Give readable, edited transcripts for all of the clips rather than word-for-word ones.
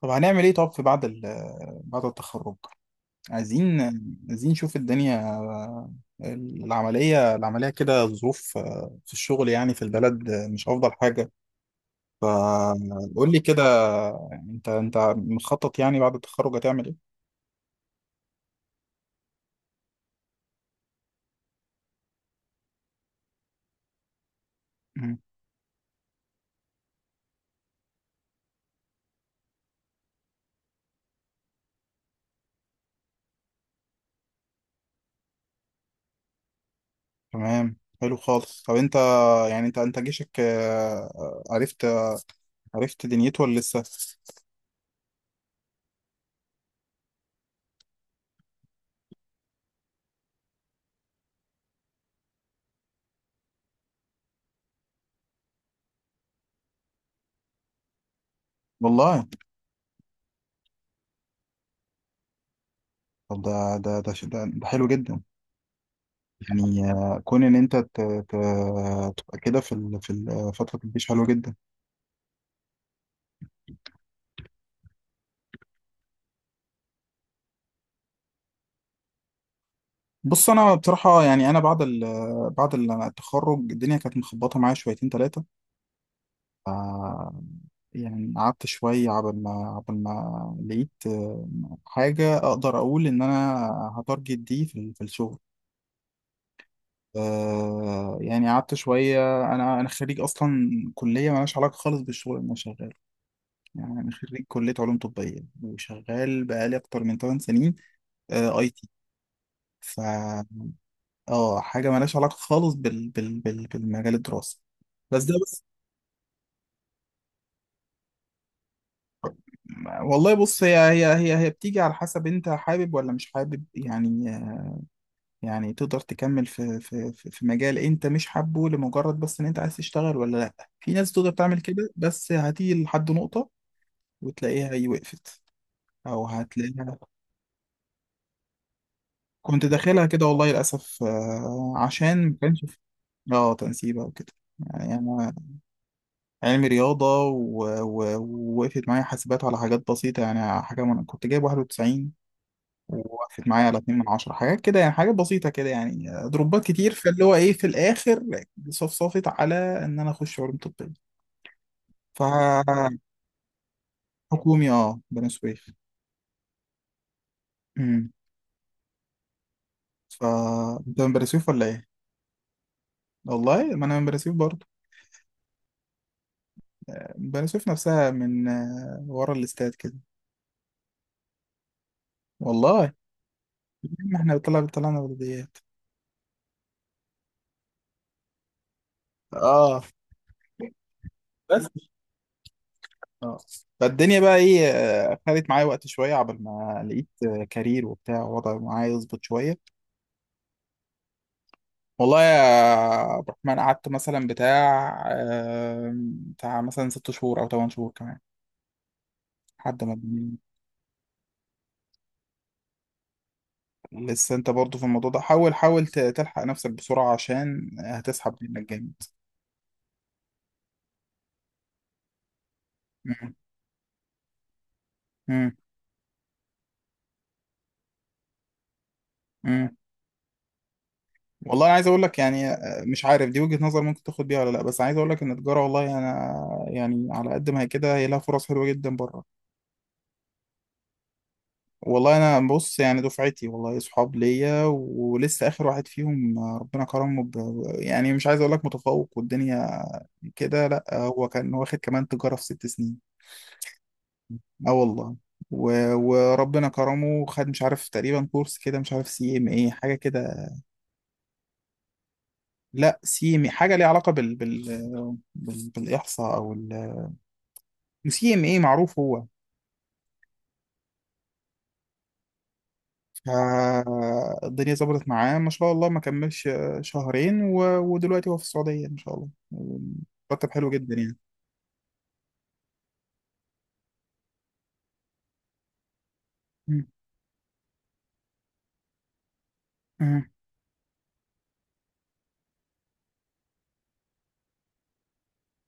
طب هنعمل ايه؟ طب في بعد بعد التخرج، عايزين، عايزين نشوف الدنيا. العملية كده الظروف في الشغل يعني في البلد مش أفضل حاجة. فقول لي كده، انت مخطط يعني بعد التخرج هتعمل ايه؟ مم. تمام، حلو خالص. طب انت، يعني انت جيشك، عرفت، عرفت دنيته ولا لسه؟ والله. طب ده حلو جدا. يعني كون ان انت تبقى كده في فتره الجيش حلوه جدا. بص انا بصراحه، يعني انا بعد التخرج الدنيا كانت مخبطه معايا شويتين ثلاثه. يعني قعدت شويه عبل ما لقيت، حاجه اقدر اقول ان انا هتارجت دي في في الشغل. يعني قعدت شويه. انا خريج اصلا كليه مالهاش علاقه خالص بالشغل اللي انا شغال. يعني انا خريج كليه علوم طبيه وشغال بقالي اكتر من 8 سنين، اي تي. ف اه، حاجه مالهاش علاقه خالص بالمجال الدراسي. بس ده بس، والله بص، هي بتيجي على حسب انت حابب ولا مش حابب. يعني، يعني تقدر تكمل في مجال انت مش حابه لمجرد بس ان انت عايز تشتغل ولا لا. في ناس تقدر تعمل كده بس هتيجي لحد نقطة وتلاقيها هي وقفت، او هتلاقيها. كنت داخلها كده والله للاسف، عشان ما كانش اه تنسيبها وكده. يعني انا علمي رياضة، ووقفت معايا حاسبات على حاجات بسيطة. يعني حاجة من كنت جايب 91، ووقفت معايا على 2 من 10 حاجات كده. يعني حاجات بسيطة كده يعني، دروبات كتير، فاللي هو إيه في الآخر صفصفت على إن أنا أخش علوم طبية. فحكومي، أه، بني سويف. أمم. ف أنت من بني سويف ولا إيه؟ والله ما أنا من بني سويف برضه. بني سويف نفسها، من ورا الاستاد كده. والله ما إحنا طلعنا بلديات. اه، بس اه. فالدنيا بقى ايه، خدت معايا وقت شويه عبال ما لقيت كارير وبتاع وضع معايا يظبط شويه. والله يا عبد الرحمن، قعدت مثلا بتاع، بتاع مثلا ست شهور او ثمان شهور كمان لحد ما. لسه انت برضو في الموضوع ده، حاول تلحق نفسك بسرعه عشان هتسحب منك جامد. مم. مم. مم. والله انا عايز اقول لك يعني، مش عارف دي وجهة نظر ممكن تاخد بيها ولا لا، بس عايز اقول لك ان التجاره والله انا، يعني على قد ما هي كده هي لها فرص حلوه جدا بره. والله انا بص، يعني دفعتي والله صحاب ليا، ولسه اخر واحد فيهم ربنا كرمه ب... يعني مش عايز اقول لك متفوق والدنيا كده، لا، هو كان واخد كمان تجارة في ست سنين. اه والله، و... وربنا كرمه، خد مش عارف تقريبا كورس كده، مش عارف سي ام ايه حاجة كده. لا سي ام حاجة ليها علاقة بالاحصاء او ال... سي ام ايه معروف هو. الدنيا ظبطت معاه ما شاء الله، ما كملش شهرين، و... ودلوقتي هو في السعودية ما شاء الله، مرتب حلو جدا يعني. مم. مم.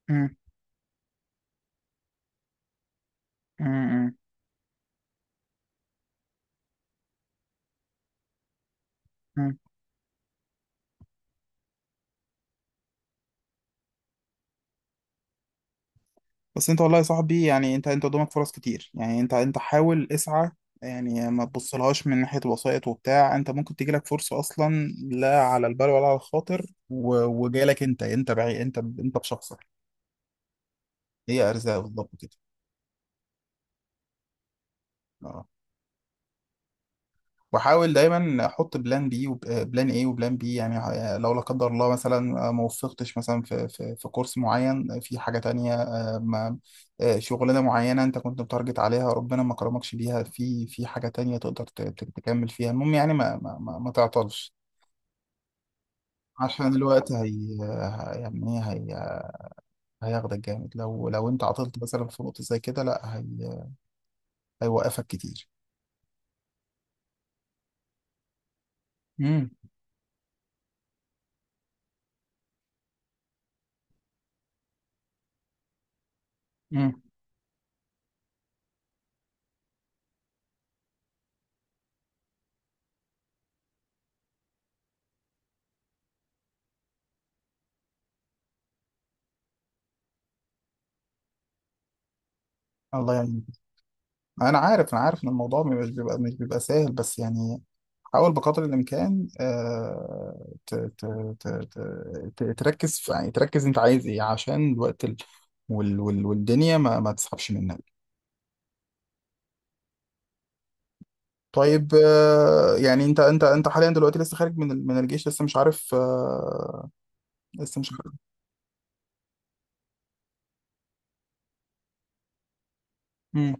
مم. مم. مم. بس انت والله يا صاحبي، يعني انت قدامك فرص كتير. يعني انت حاول اسعى، يعني ما تبصلهاش من ناحية وسائط وبتاع. انت ممكن تجيلك فرصة اصلا لا على البال ولا على الخاطر، و... وجايلك انت، انت بشخصك. هي ارزاق بالظبط كده. اه، واحاول دايما احط بلان بي وبلان ايه وبلان بي. يعني لو لا قدر الله مثلا، ما وفقتش مثلا في كورس معين، في حاجه تانية. آه، ما شغلانه معينه انت كنت متارجت عليها ربنا ما كرمكش بيها، في في حاجه تانية تقدر تكمل فيها. المهم يعني ما تعطلش عشان الوقت. هي، يعني ايه، هي هياخدك جامد. لو لو انت عطلت مثلا في نقطه زي كده، لا هي هيوقفك كتير. امم. امم. الله يعينك. انا عارف ان الموضوع مش بيبقى، مش بيبقى سهل، بس يعني حاول بقدر الامكان، تركز في، يعني تركز انت عايز ايه عشان الوقت ال... والدنيا ما تسحبش منك. طيب، يعني انت حاليا دلوقتي لسه خارج من من الجيش، لسه مش عارف، لسه مش عارف. مم.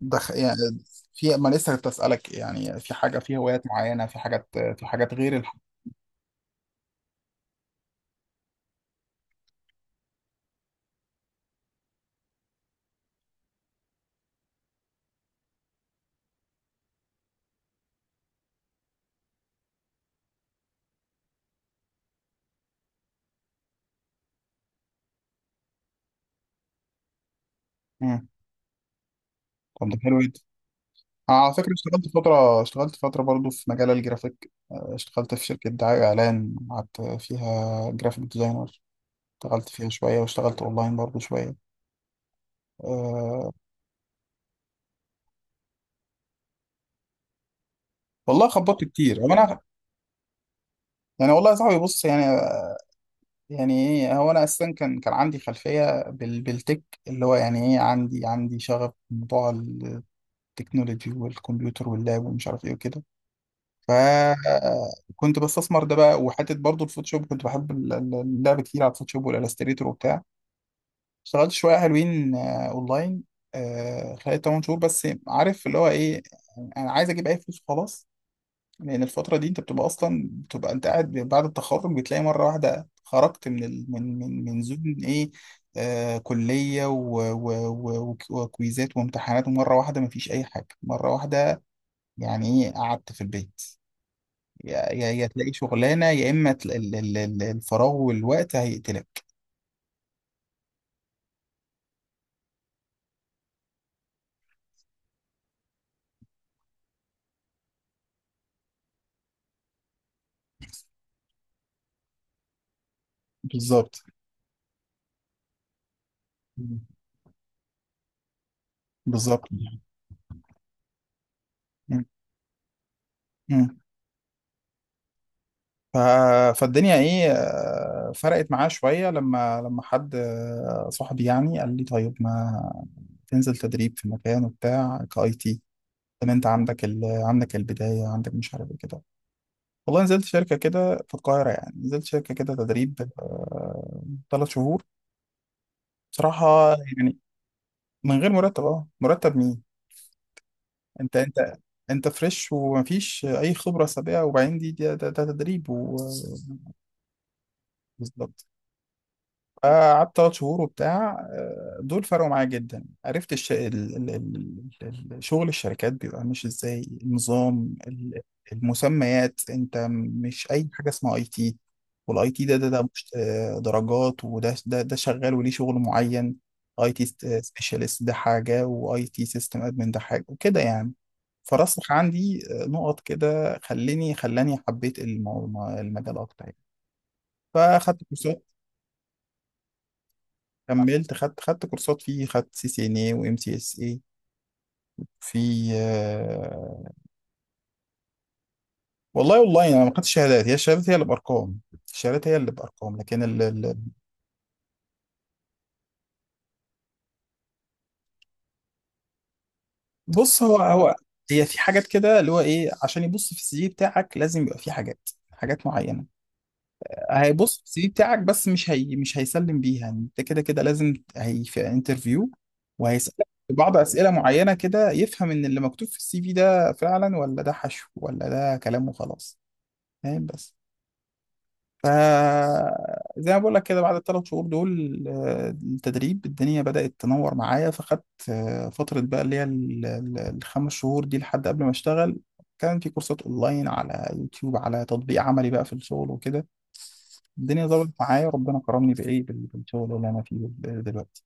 يعني في ما لسه كنت اسالك، يعني في حاجه، في هوايات معينه، في حاجات، في حاجات غير مم. طب ده حلو. على فكرة اشتغلت فترة، اشتغلت فترة برضو في مجال الجرافيك. اشتغلت في شركة دعاية وإعلان، قعدت فيها جرافيك ديزاينر. اشتغلت فيها شوية، واشتغلت أونلاين برضو شوية. أه. والله خبطت كتير. هو أنا، يعني والله يا صاحبي بص يعني، يعني إيه، هو أنا أساسا كان عندي خلفية بال بالتك اللي هو يعني إيه، عندي شغف بموضوع التكنولوجي والكمبيوتر واللاب ومش عارف إيه وكده. فكنت بستثمر ده بقى، وحته برضو الفوتوشوب كنت بحب اللعب كتير على الفوتوشوب والالستريتور وبتاع. اشتغلت شويه حلوين، اونلاين. خلال 8 شهور بس، عارف اللي هو ايه، يعني انا عايز اجيب اي فلوس خلاص. لان الفتره دي انت بتبقى اصلا، بتبقى انت قاعد بعد التخرج، بتلاقي مره واحده خرجت من ال... من زون ايه، آه كليه وكويزات وامتحانات، ومره واحده مفيش اي حاجه مره واحده. يعني ايه، قعدت في البيت، يا تلاقي شغلانه يا اما الفراغ والوقت هيقتلك. بالظبط، بالظبط. مم. مم. ف... فالدنيا ايه، فرقت معاه شويه لما، لما حد، صاحبي يعني قال لي طيب ما تنزل تدريب في مكان وبتاع كاي تي. طب انت عندك ال... عندك البدايه، عندك مش عارف ايه كده. والله نزلت شركه كده في القاهره، يعني نزلت شركه كده تدريب ثلاث شهور بصراحه، يعني من غير مرتب، اه مرتب. انت انت انت فريش ومفيش اي خبره سابقه، وبعدين دي ده تدريب و، بالظبط. قعدت ثلاث شهور وبتاع، دول فرقوا معايا جدا، عرفت الش... ال... ال... شغل الشركات بيبقى ماشي ازاي، النظام المسميات. انت مش اي حاجه اسمها اي تي، والاي تي ده مش، درجات، وده ده ده شغال وليه شغل معين. اي تي سبيشالست ده حاجه، واي تي سيستم ادمن ده حاجه وكده يعني. فرسخ عندي نقط كده، خليني خلاني حبيت المجال اكتر يعني. فاخدت كورسات. كملت، خدت كورسات فيه، خدت سي سي ان اي وام سي اس اي في، آه. والله، والله انا ما خدتش شهادات. هي الشهادات، هي اللي بارقام. الشهادات هي اللي بارقام، لكن ال... ال- بص هو، هو هي في حاجات كده اللي هو ايه، عشان يبص في السي في بتاعك لازم يبقى في حاجات، حاجات معينه. هيبص في السي في بتاعك بس، مش هي مش هيسلم بيها. يعني انت كده كده لازم، هي في انترفيو وهيسالك في بعض اسئله معينه كده، يفهم ان اللي مكتوب في السي في ده فعلا، ولا ده حشو، ولا ده كلام وخلاص. فاهم، بس فزي ما بقول لك كده، بعد الثلاث شهور دول، التدريب الدنيا بدأت تنور معايا. فخدت فترة بقى اللي هي الخمس شهور دي لحد قبل ما اشتغل، كان في كورسات اونلاين على يوتيوب، على تطبيق عملي بقى في الشغل وكده. الدنيا ظبطت معايا، ربنا كرمني بايه بالشغل اللي انا فيه دلوقتي.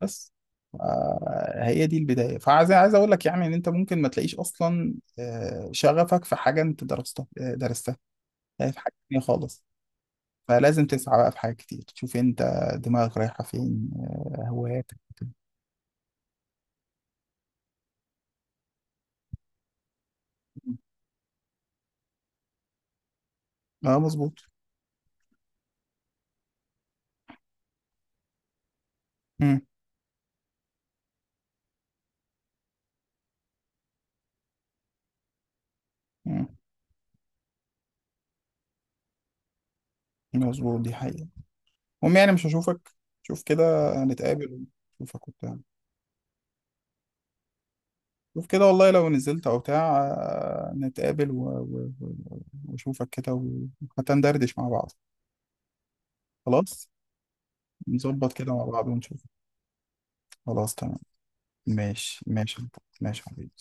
بس هي دي البداية. فعايز، عايز اقول لك يعني ان انت ممكن ما تلاقيش اصلا شغفك في حاجة انت درستها، درستها في حاجة تانية خالص. فلازم تسعى بقى في حاجات كتير، تشوف انت دماغك رايحة فين، هواياتك. إيه. اه مظبوط. مم. مم. مظبوط، دي حقيقة. المهم يعني، مش هشوفك، شوف كده، نتقابل، اشوفك وبتاع. شوف كده، والله لو نزلت او بتاع، نتقابل واشوفك كده، وحتى ندردش مع بعض. خلاص، نظبط كده مع بعض ونشوف. خلاص، تمام. ماشي، ماشي. ماشي يا حبيبي.